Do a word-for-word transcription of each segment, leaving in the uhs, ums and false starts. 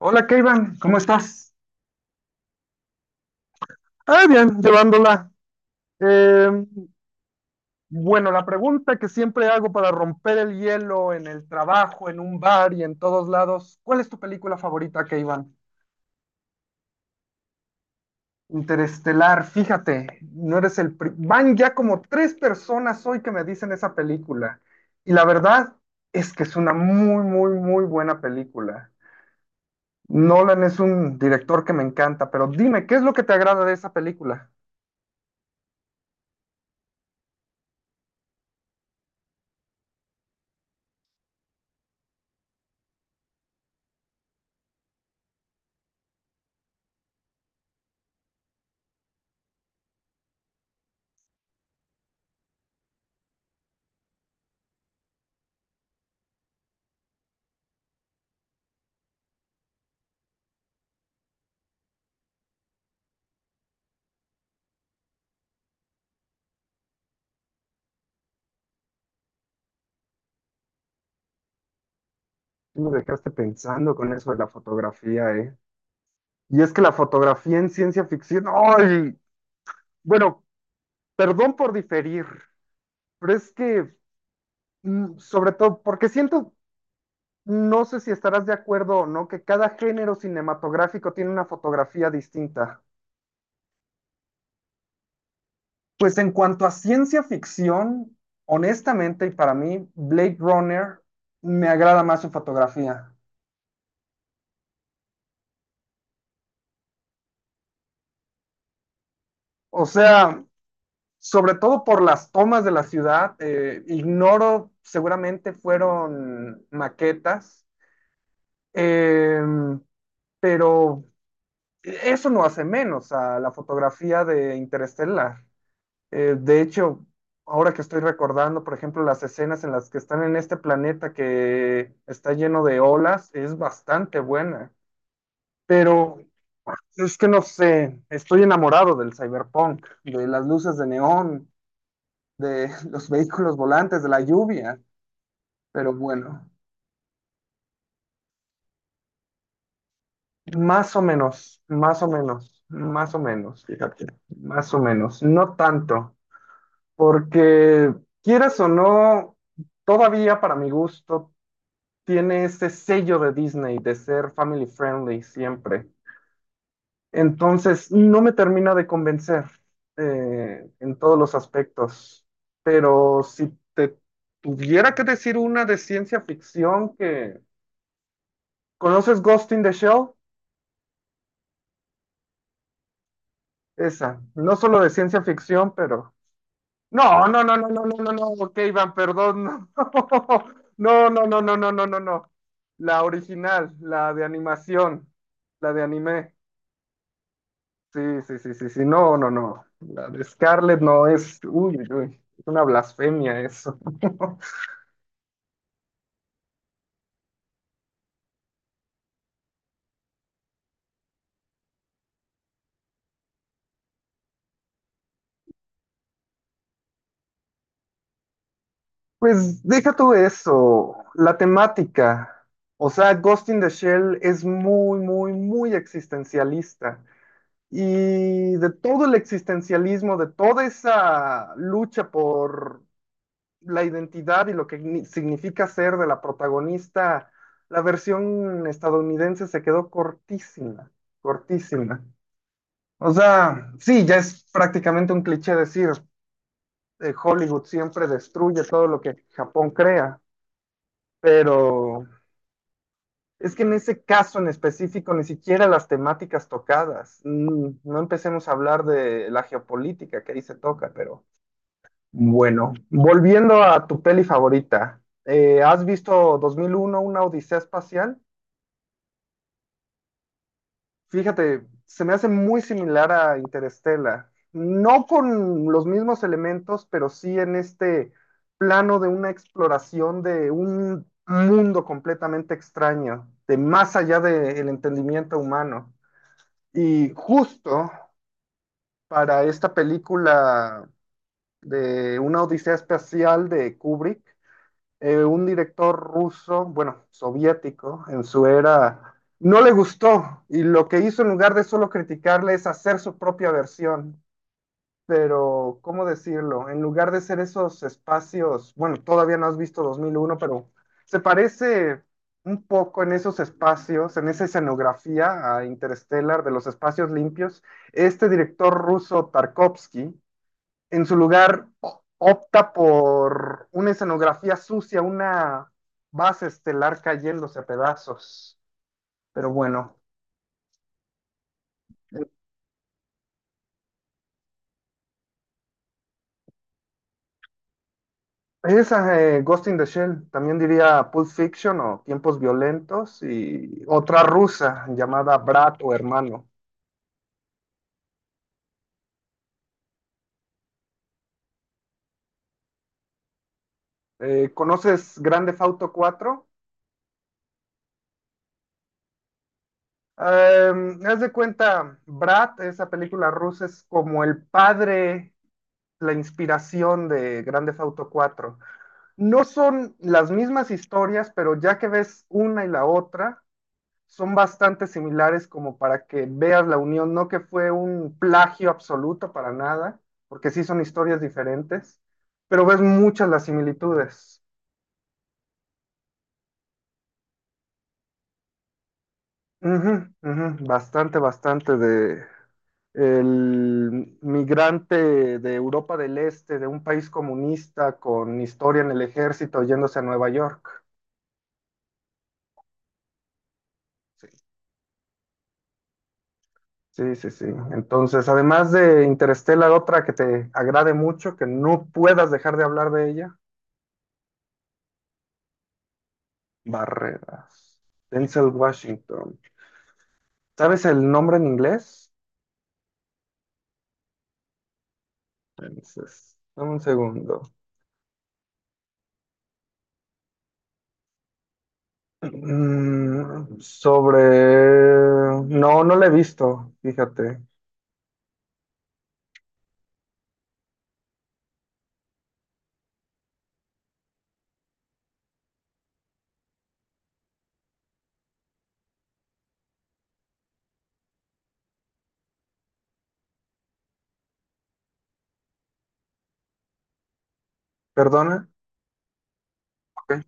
Hola, Kevin, ¿cómo estás? Ah, bien, llevándola. Eh, bueno, la pregunta que siempre hago para romper el hielo en el trabajo, en un bar y en todos lados, ¿cuál es tu película favorita, Iván? Interestelar, fíjate, no eres el... pri- Van ya como tres personas hoy que me dicen esa película. Y la verdad es que es una muy, muy, muy buena película. Nolan es un director que me encanta, pero dime, ¿qué es lo que te agrada de esa película? Sí. Me dejaste pensando con eso de la fotografía, ¿eh? Y es que la fotografía en ciencia ficción, ¡ay! Bueno, perdón por diferir, pero es que, mm, sobre todo, porque siento, no sé si estarás de acuerdo o no, que cada género cinematográfico tiene una fotografía distinta. Pues en cuanto a ciencia ficción, honestamente, y para mí, Blade Runner me agrada más su fotografía. O sea, sobre todo por las tomas de la ciudad, eh, ignoro, seguramente fueron maquetas, eh, pero eso no hace menos a la fotografía de Interestelar. Eh, de hecho, ahora que estoy recordando, por ejemplo, las escenas en las que están en este planeta que está lleno de olas, es bastante buena. Pero es que no sé, estoy enamorado del cyberpunk, de las luces de neón, de los vehículos volantes, de la lluvia, pero bueno, más o menos, más o menos, más o menos, fíjate, más o menos, no tanto, porque quieras o no, todavía para mi gusto tiene ese sello de Disney de ser family friendly siempre. Entonces, no me termina de convencer eh, en todos los aspectos, pero si te tuviera que decir una de ciencia ficción que... ¿Conoces Ghost in the Shell? Esa, no solo de ciencia ficción, pero... No, no, no, no, no, no, no, no, ok, Iván, perdón, no, no, no, no, no, no, no, no, no. La original, la de animación, la de anime. Sí, sí, sí, sí, sí, no, no, no. La de Scarlett no es, uy, uy, uy, es una blasfemia eso. Pues deja tú eso, la temática. O sea, Ghost in the Shell es muy, muy, muy existencialista, y de todo el existencialismo, de toda esa lucha por la identidad y lo que significa ser de la protagonista, la versión estadounidense se quedó cortísima, cortísima. O sea, sí, ya es prácticamente un cliché decir, eh, Hollywood siempre destruye todo lo que Japón crea, pero... Es que en ese caso en específico, ni siquiera las temáticas tocadas. Mm, No empecemos a hablar de la geopolítica que ahí se toca, pero bueno, volviendo a tu peli favorita, eh, ¿has visto dos mil uno, una odisea espacial? Fíjate, se me hace muy similar a Interestela. No con los mismos elementos, pero sí en este plano de una exploración de un mundo completamente extraño, de más allá del entendimiento humano. Y justo para esta película de una odisea espacial de Kubrick, eh, un director ruso, bueno, soviético, en su era, no le gustó y lo que hizo en lugar de solo criticarle es hacer su propia versión, pero ¿cómo decirlo? En lugar de ser esos espacios, bueno, todavía no has visto dos mil uno, pero se parece un poco en esos espacios, en esa escenografía a Interstellar de los espacios limpios. Este director ruso Tarkovsky, en su lugar, o- opta por una escenografía sucia, una base estelar cayéndose a pedazos. Pero bueno. Esa, eh, Ghost in the Shell, también diría Pulp Fiction o Tiempos Violentos y otra rusa llamada Brat o Hermano. Eh, ¿conoces Grand Theft Auto cuatro? Eh, haz de cuenta, Brat, esa película rusa, es como el padre, la inspiración de Grand Theft Auto cuatro. No son las mismas historias, pero ya que ves una y la otra, son bastante similares como para que veas la unión, no que fue un plagio absoluto para nada, porque sí son historias diferentes, pero ves muchas las similitudes. Ujú, ujú, bastante, bastante de el migrante de Europa del Este, de un país comunista con historia en el ejército yéndose a Nueva York. Sí, sí, sí. Sí. Entonces, además de Interstellar, otra que te agrade mucho, que no puedas dejar de hablar de ella. Barreras. Denzel Washington. ¿Sabes el nombre en inglés? Entonces, dame un segundo. Mm, sobre... No, no lo he visto, fíjate. ¿Perdona? Ok.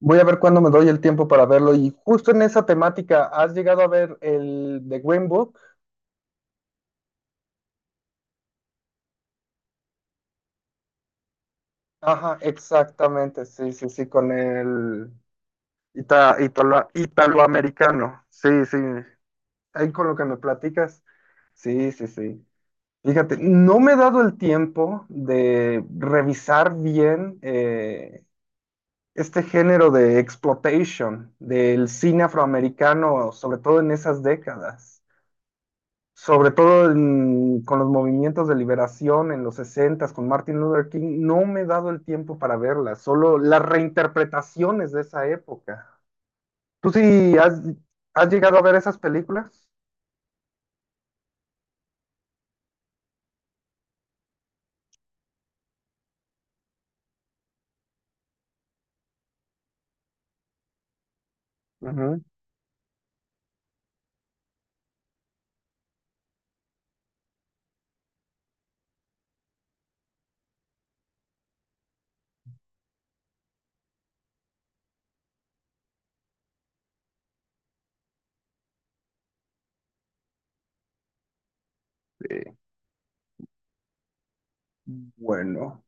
Voy a ver cuándo me doy el tiempo para verlo. Y justo en esa temática, ¿has llegado a ver el de Green Book? Ajá, exactamente, sí, sí, sí, con el ita- italo- italoamericano. Sí, sí, ahí con lo que me platicas. Sí, sí, sí. Fíjate, no me he dado el tiempo de revisar bien eh, este género de exploitation del cine afroamericano, sobre todo en esas décadas, sobre todo en- con los movimientos de liberación en los sesentas con Martin Luther King. No me he dado el tiempo para verlas, solo las reinterpretaciones de esa época. ¿Tú sí has, has llegado a ver esas películas? Ujú, sí. Bueno.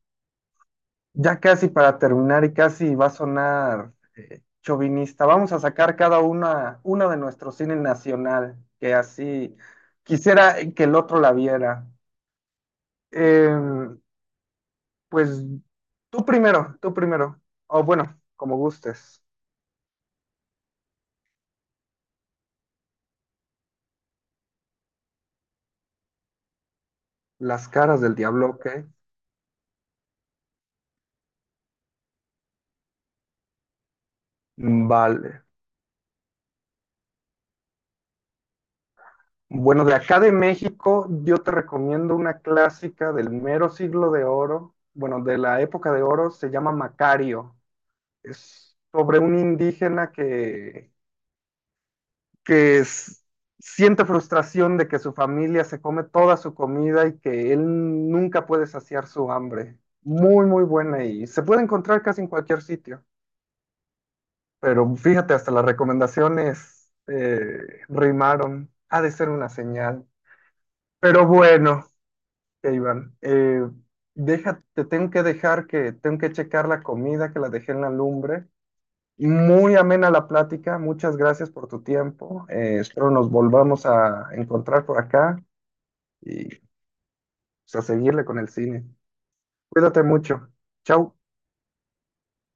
Ya casi para terminar y casi va a sonar eh, chauvinista. Vamos a sacar cada una, una de nuestro cine nacional, que así quisiera que el otro la viera. Eh, pues tú primero, tú primero. O bueno, como gustes. Las caras del diablo, ok. Vale. Bueno, de acá de México, yo te recomiendo una clásica del mero siglo de oro, bueno, de la época de oro, se llama Macario. Es sobre un indígena que, que es- siente frustración de que su familia se come toda su comida y que él nunca puede saciar su hambre. Muy, muy buena y se puede encontrar casi en cualquier sitio. Pero fíjate, hasta las recomendaciones eh, rimaron. Ha de ser una señal. Pero bueno, Iván, eh, deja- te tengo que dejar que tengo que checar la comida que la dejé en la lumbre. Muy amena la plática, muchas gracias por tu tiempo. eh, espero nos volvamos a encontrar por acá y pues, a seguirle con el cine. Cuídate mucho. Chau.